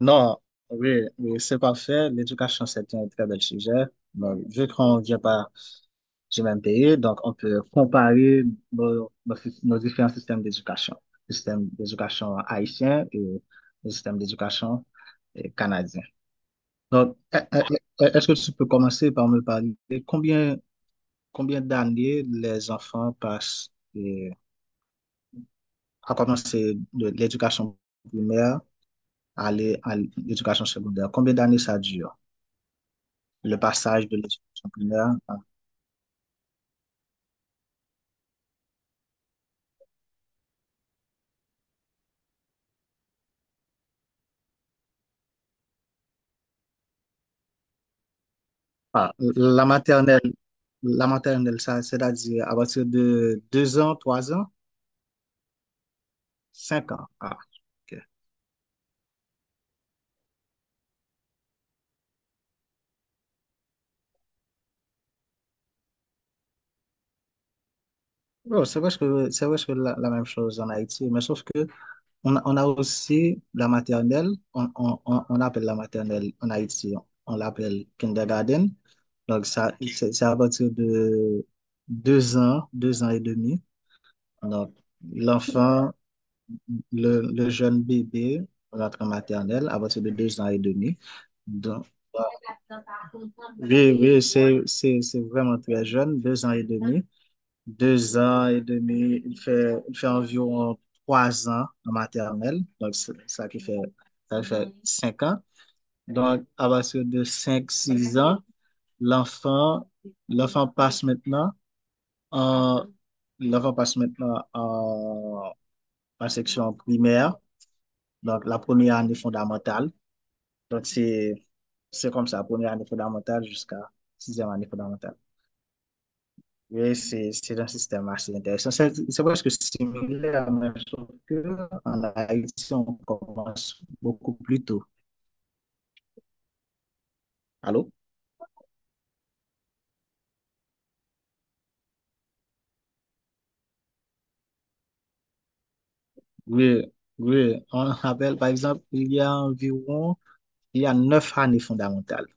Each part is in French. Non, oui, oui, c'est parfait. L'éducation, c'est un très bel sujet. Donc, vu qu'on vient pas du même pays, donc on peut comparer nos différents systèmes d'éducation. Le système d'éducation haïtien et le système d'éducation canadien. Donc, est-ce que tu peux commencer par me parler de combien d'années les enfants passent euh, à commencer de l'éducation primaire à l'éducation secondaire? Combien d'années ça dure? Le passage de l'école primaire à la maternelle. La maternelle, ça, c'est-à-dire à partir de deux ans, trois ans, cinq ans. Ah, ok. Bon, c'est vrai que la même chose en Haïti, mais sauf que on a aussi la maternelle, on appelle la maternelle en Haïti, on l'appelle kindergarten. Donc ça, c'est à partir de deux ans et demi. Donc l'enfant le jeune bébé rentre en maternelle à partir de deux ans et demi. Donc, euh, oui, c'est vraiment très jeune, deux ans et demi. Deux ans et demi, il fait environ trois ans en maternelle. Donc, c'est ça qui fait, ça fait cinq ans. Donc, à partir de cinq, six ans, l'enfant, l'enfant passe maintenant en, l'enfant passe maintenant en section primaire. Donc, la première année fondamentale. Donc, c'est comme ça, première année fondamentale jusqu'à sixième année fondamentale. Oui, c'est un système assez intéressant. C'est presque similaire, mais sauf que en Haïti, on commence beaucoup plus tôt. Allô? Oui, oui. On rappelle, par exemple, il y a neuf années fondamentales.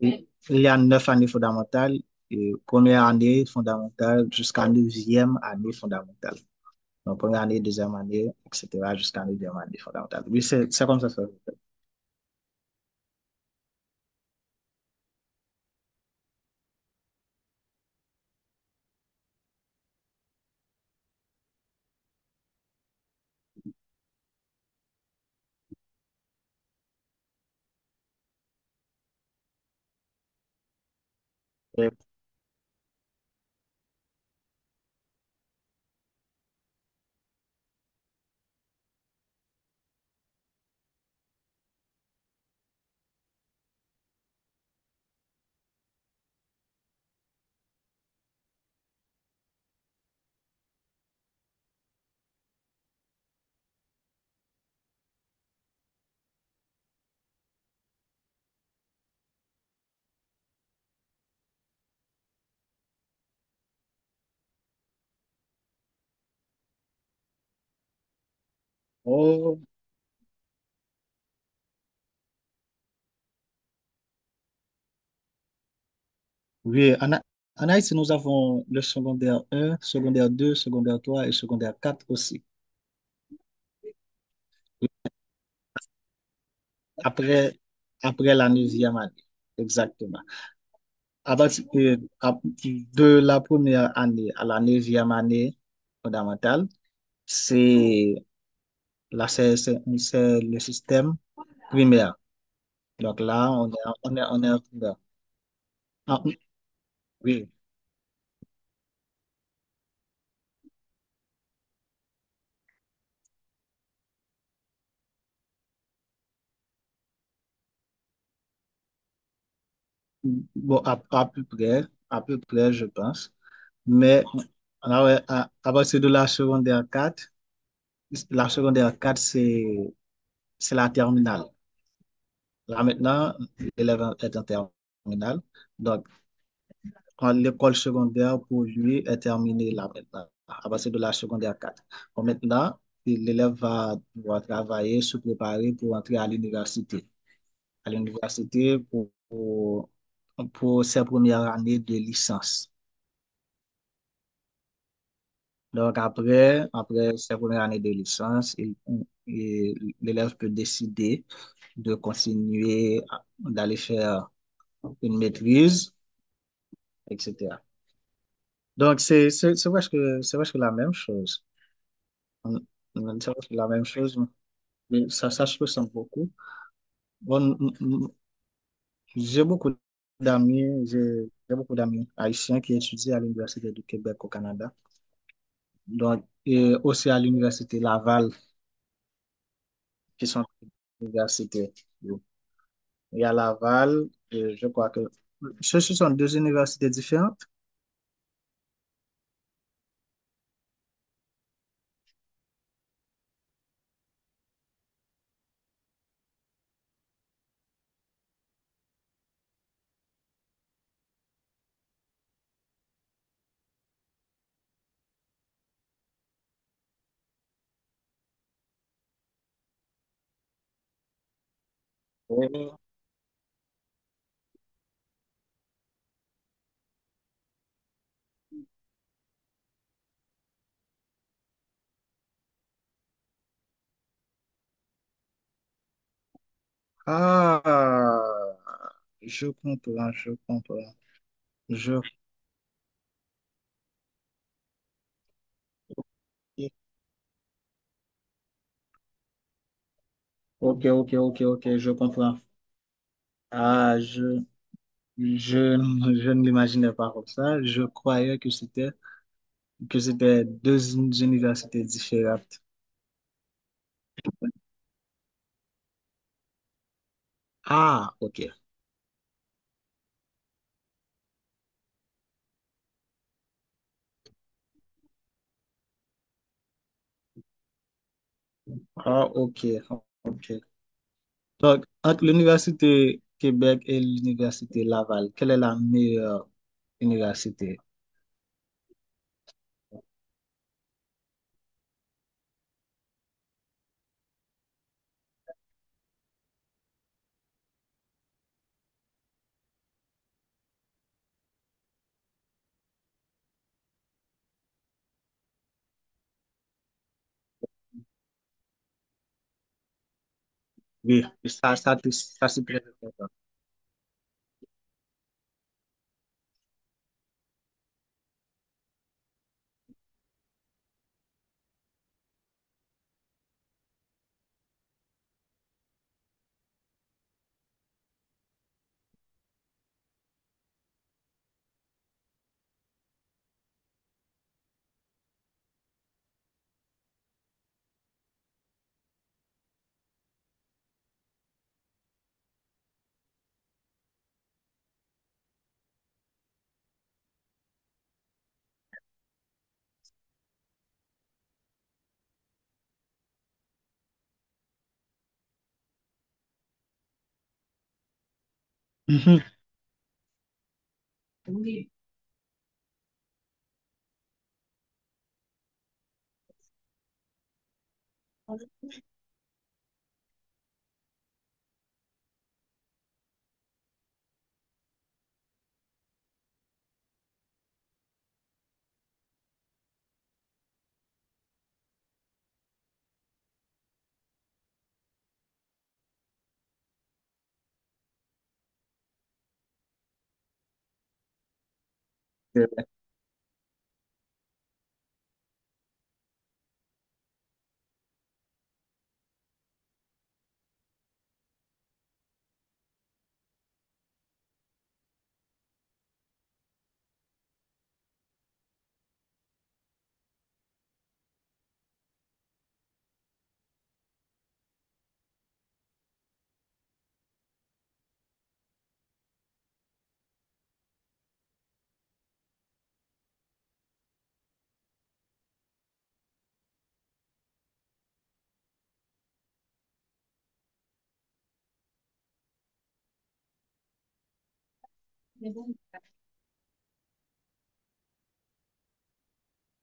Il y a neuf années fondamentales, et première année fondamentale jusqu'à neuvième année fondamentale. Donc, première année, deuxième année, etc., jusqu'à la deuxième année fondamentale. Oui, c'est comme ça. Et, oh, oui, en Haïti, nous avons le secondaire un, secondaire deux, secondaire 3 et secondaire quatre aussi. Après, après la neuvième année, exactement. À partir de la première année à la neuvième année fondamentale, c'est c'est le système primaire. Donc là, on est, on est en primaire. Ah, oui. Bon, à peu près, je pense. Mais ah ouais, à partir de la secondaire quatre, la secondaire 4 c'est, c'est la terminale. Là maintenant, l'élève est en terminale. Donc, quand l'école secondaire pour lui est terminée là maintenant, à partir de la secondaire quatre. Bon, maintenant, l'élève va devoir travailler, se préparer pour entrer à l'université. À l'université pour ses premières années de licence. Donc après, après sa première année de licence, l'élève peut décider de continuer, d'aller faire une maîtrise, etc. Donc c'est presque la même chose. On- C'est presque la même chose, mais ça se ressent beaucoup. Bon, j'ai beaucoup j'ai beaucoup d'amis haïtiens qui étudient à l'Université du Québec au Canada, donc et aussi à l'Université Laval, qui sont des universités. Il y a Laval, et je crois que ce sont deux universités différentes. Oui. Ah, je comprends, je comprends. Je... Ok, ok, ok, ok, je comprends. Ah, je, je ne l'imaginais pas comme ça. Je croyais que c'était deux universités différentes. Ah, ok. Ah, ok, ok. Donc, entre l'université Québec et l'université Laval, quelle est la meilleure université? Oui, ça c'est très important. Mhm. C'est vrai.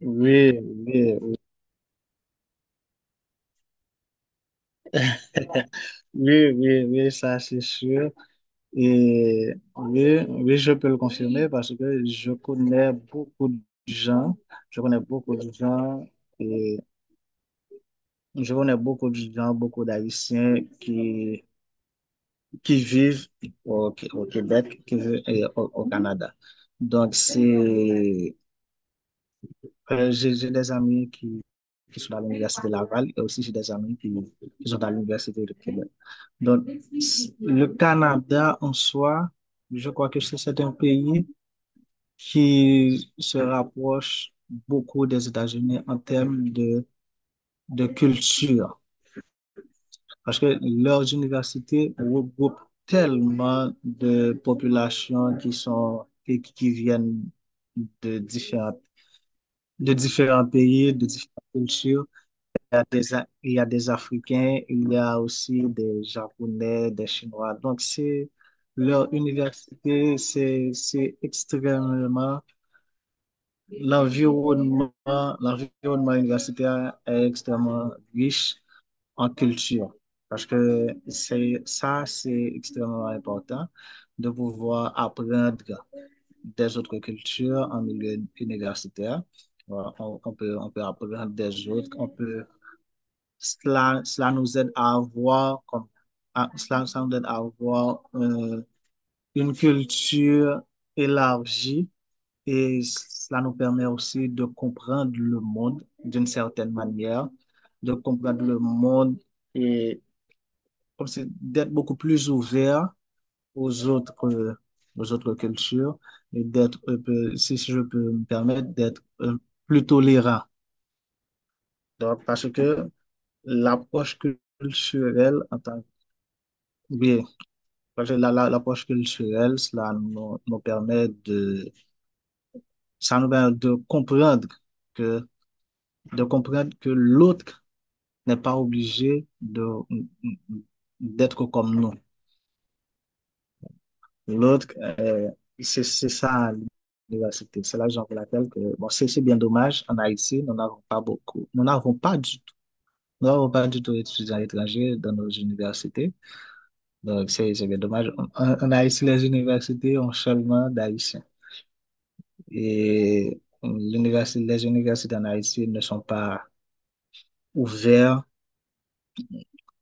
Oui, oui, oui. Oui, oui, oui, ça c'est sûr. Et oui, oui, je peux le confirmer parce que je connais beaucoup de gens, je connais beaucoup de gens et je connais beaucoup de gens, beaucoup d'Haïtiens qui, qui vivent au Québec, qui vivent et au Canada. Donc c'est. J'ai des amis qui sont à l'université Laval et aussi j'ai des amis qui sont à l'université de Québec. Donc, le Canada en soi, je crois que c'est un pays qui se rapproche beaucoup des États-Unis en termes de culture, parce que leurs universités regroupent tellement de populations qui viennent de de différents pays, de différentes cultures. Il y a des Africains, il y a aussi des Japonais, des Chinois. Donc, c'est leur université, c'est extrêmement, l'environnement, l'environnement universitaire est extrêmement riche en culture. Parce que c'est extrêmement important de pouvoir apprendre des autres cultures en milieu universitaire. Voilà, on peut apprendre des autres, on peut cela, cela nous aide à avoir, comme, cela, ça nous aide à avoir une culture élargie et cela nous permet aussi de comprendre le monde d'une certaine manière, de comprendre le monde et comme c'est d'être beaucoup plus ouvert aux autres, euh, aux autres cultures et d'être, si si je peux me permettre, d'être plus tolérant. Donc, parce que l'approche culturelle en tant que. Parce que l'approche culturelle, cela nous permet ça nous permet de comprendre que, de comprendre que l'autre n'est pas obligé de, d'être comme nous. L'autre, c'est ça l'université. C'est la raison pour laquelle que, bon, c'est bien dommage. En Haïti, nous n'avons pas beaucoup. Nous n'avons pas du tout. Nous n'avons pas du tout d'étudiants étrangers dans nos universités. Donc, c'est bien dommage. En Haïti, les universités ont seulement d'Haïtiens. Et les universités en Haïti ne sont pas ouvertes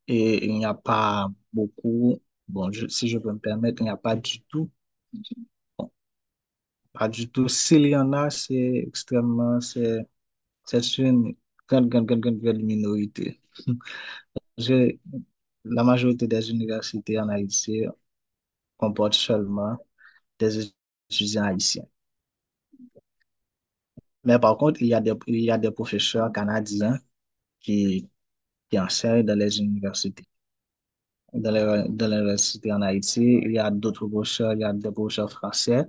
et il n'y a pas beaucoup, bon, si je peux me permettre, il n'y a pas du tout, bon, pas du tout. S'il y en a, c'est une grande, grande, grande, grande, grande minorité. Je- la majorité des universités en Haïti comportent seulement des étudiants haïtiens. Mais par contre, il y a des professeurs canadiens qui, qui enseignent dans les universités. De l'université en Haïti. Il y a d'autres brochures, il y a des brochures français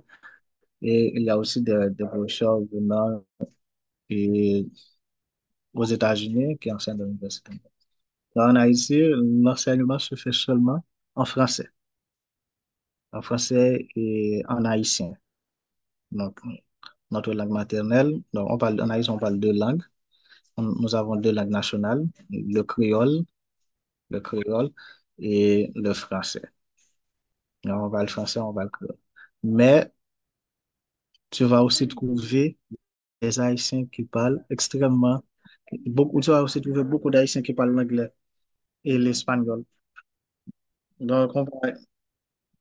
et il y a aussi des brochures venant et aux États-Unis qui enseignent à l'université. Là, en Haïti, l'enseignement se fait seulement en français, en français et en haïtien. Donc, notre langue maternelle, donc on parle, en Haïti, on parle deux langues. Nous avons deux langues nationales, le créole et le français. Donc, on parle français, on parle créole. Mais tu vas aussi trouver les Haïtiens qui parlent extrêmement, beaucoup, tu vas aussi trouver beaucoup d'Haïtiens qui parlent l'anglais et l'espagnol. Donc,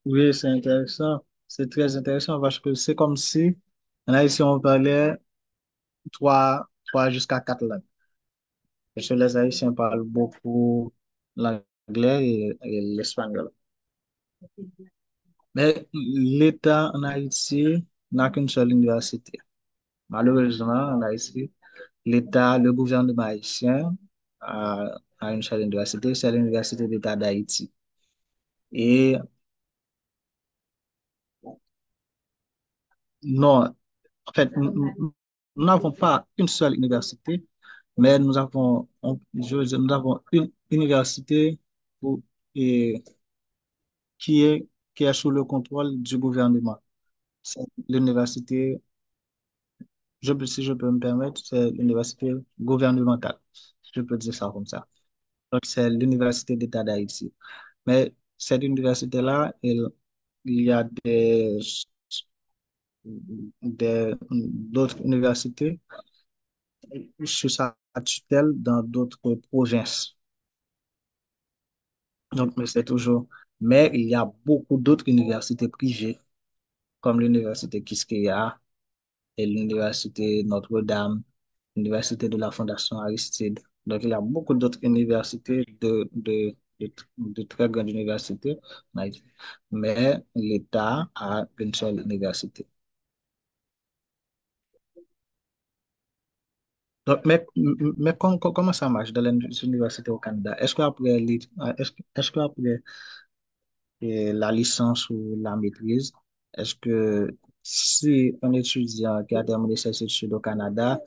oui, c'est intéressant, c'est très intéressant parce que c'est comme si en Haïti, on parlait trois jusqu'à quatre langues. Parce que les Haïtiens parlent beaucoup l'anglais et l'espagnol. Mais l'État en Haïti n'a qu'une seule université. Malheureusement, en Haïti, l'État, le gouvernement haïtien a une seule université, c'est l'Université d'État d'Haïti. Et non, en fait, nous n'avons pas une seule université, mais nous avons, je veux dire, nous avons une université pour- et, qui est, qui est sous le contrôle du gouvernement. C'est l'université, si je peux me permettre, c'est l'université gouvernementale. Je peux dire ça comme ça. Donc, c'est l'Université d'État d'Haïti. Mais cette université-là, elle, il y a des d'autres universités sous sa tutelle dans d'autres provinces. Donc, mais c'est toujours. Mais il y a beaucoup d'autres universités privées, comme l'université Quisqueya et l'université Notre-Dame, l'université de la Fondation Aristide. Donc, il y a beaucoup d'autres universités de, de très grandes universités en Haïti. Mais l'État a une seule université. Donc, mais, comment ça marche dans les universités au Canada? Est-ce qu'après li- est-ce, que- est-ce qu'après la licence ou la maîtrise, est-ce que si un étudiant qui a terminé ses études au Canada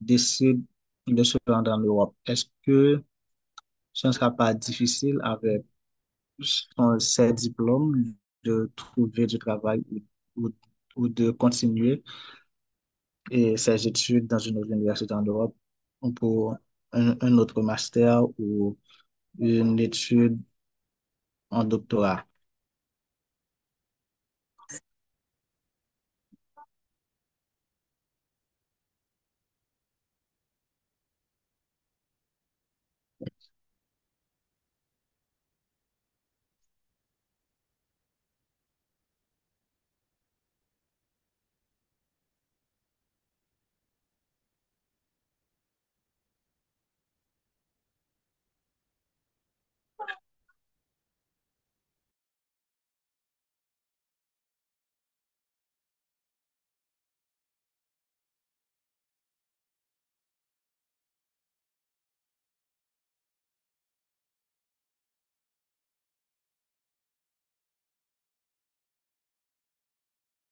décide de se rendre en Europe, est-ce que ce ne sera pas difficile avec ses diplômes de trouver du travail ou- ou de continuer et ses études dans une autre université en Europe pour un autre master ou une étude en doctorat.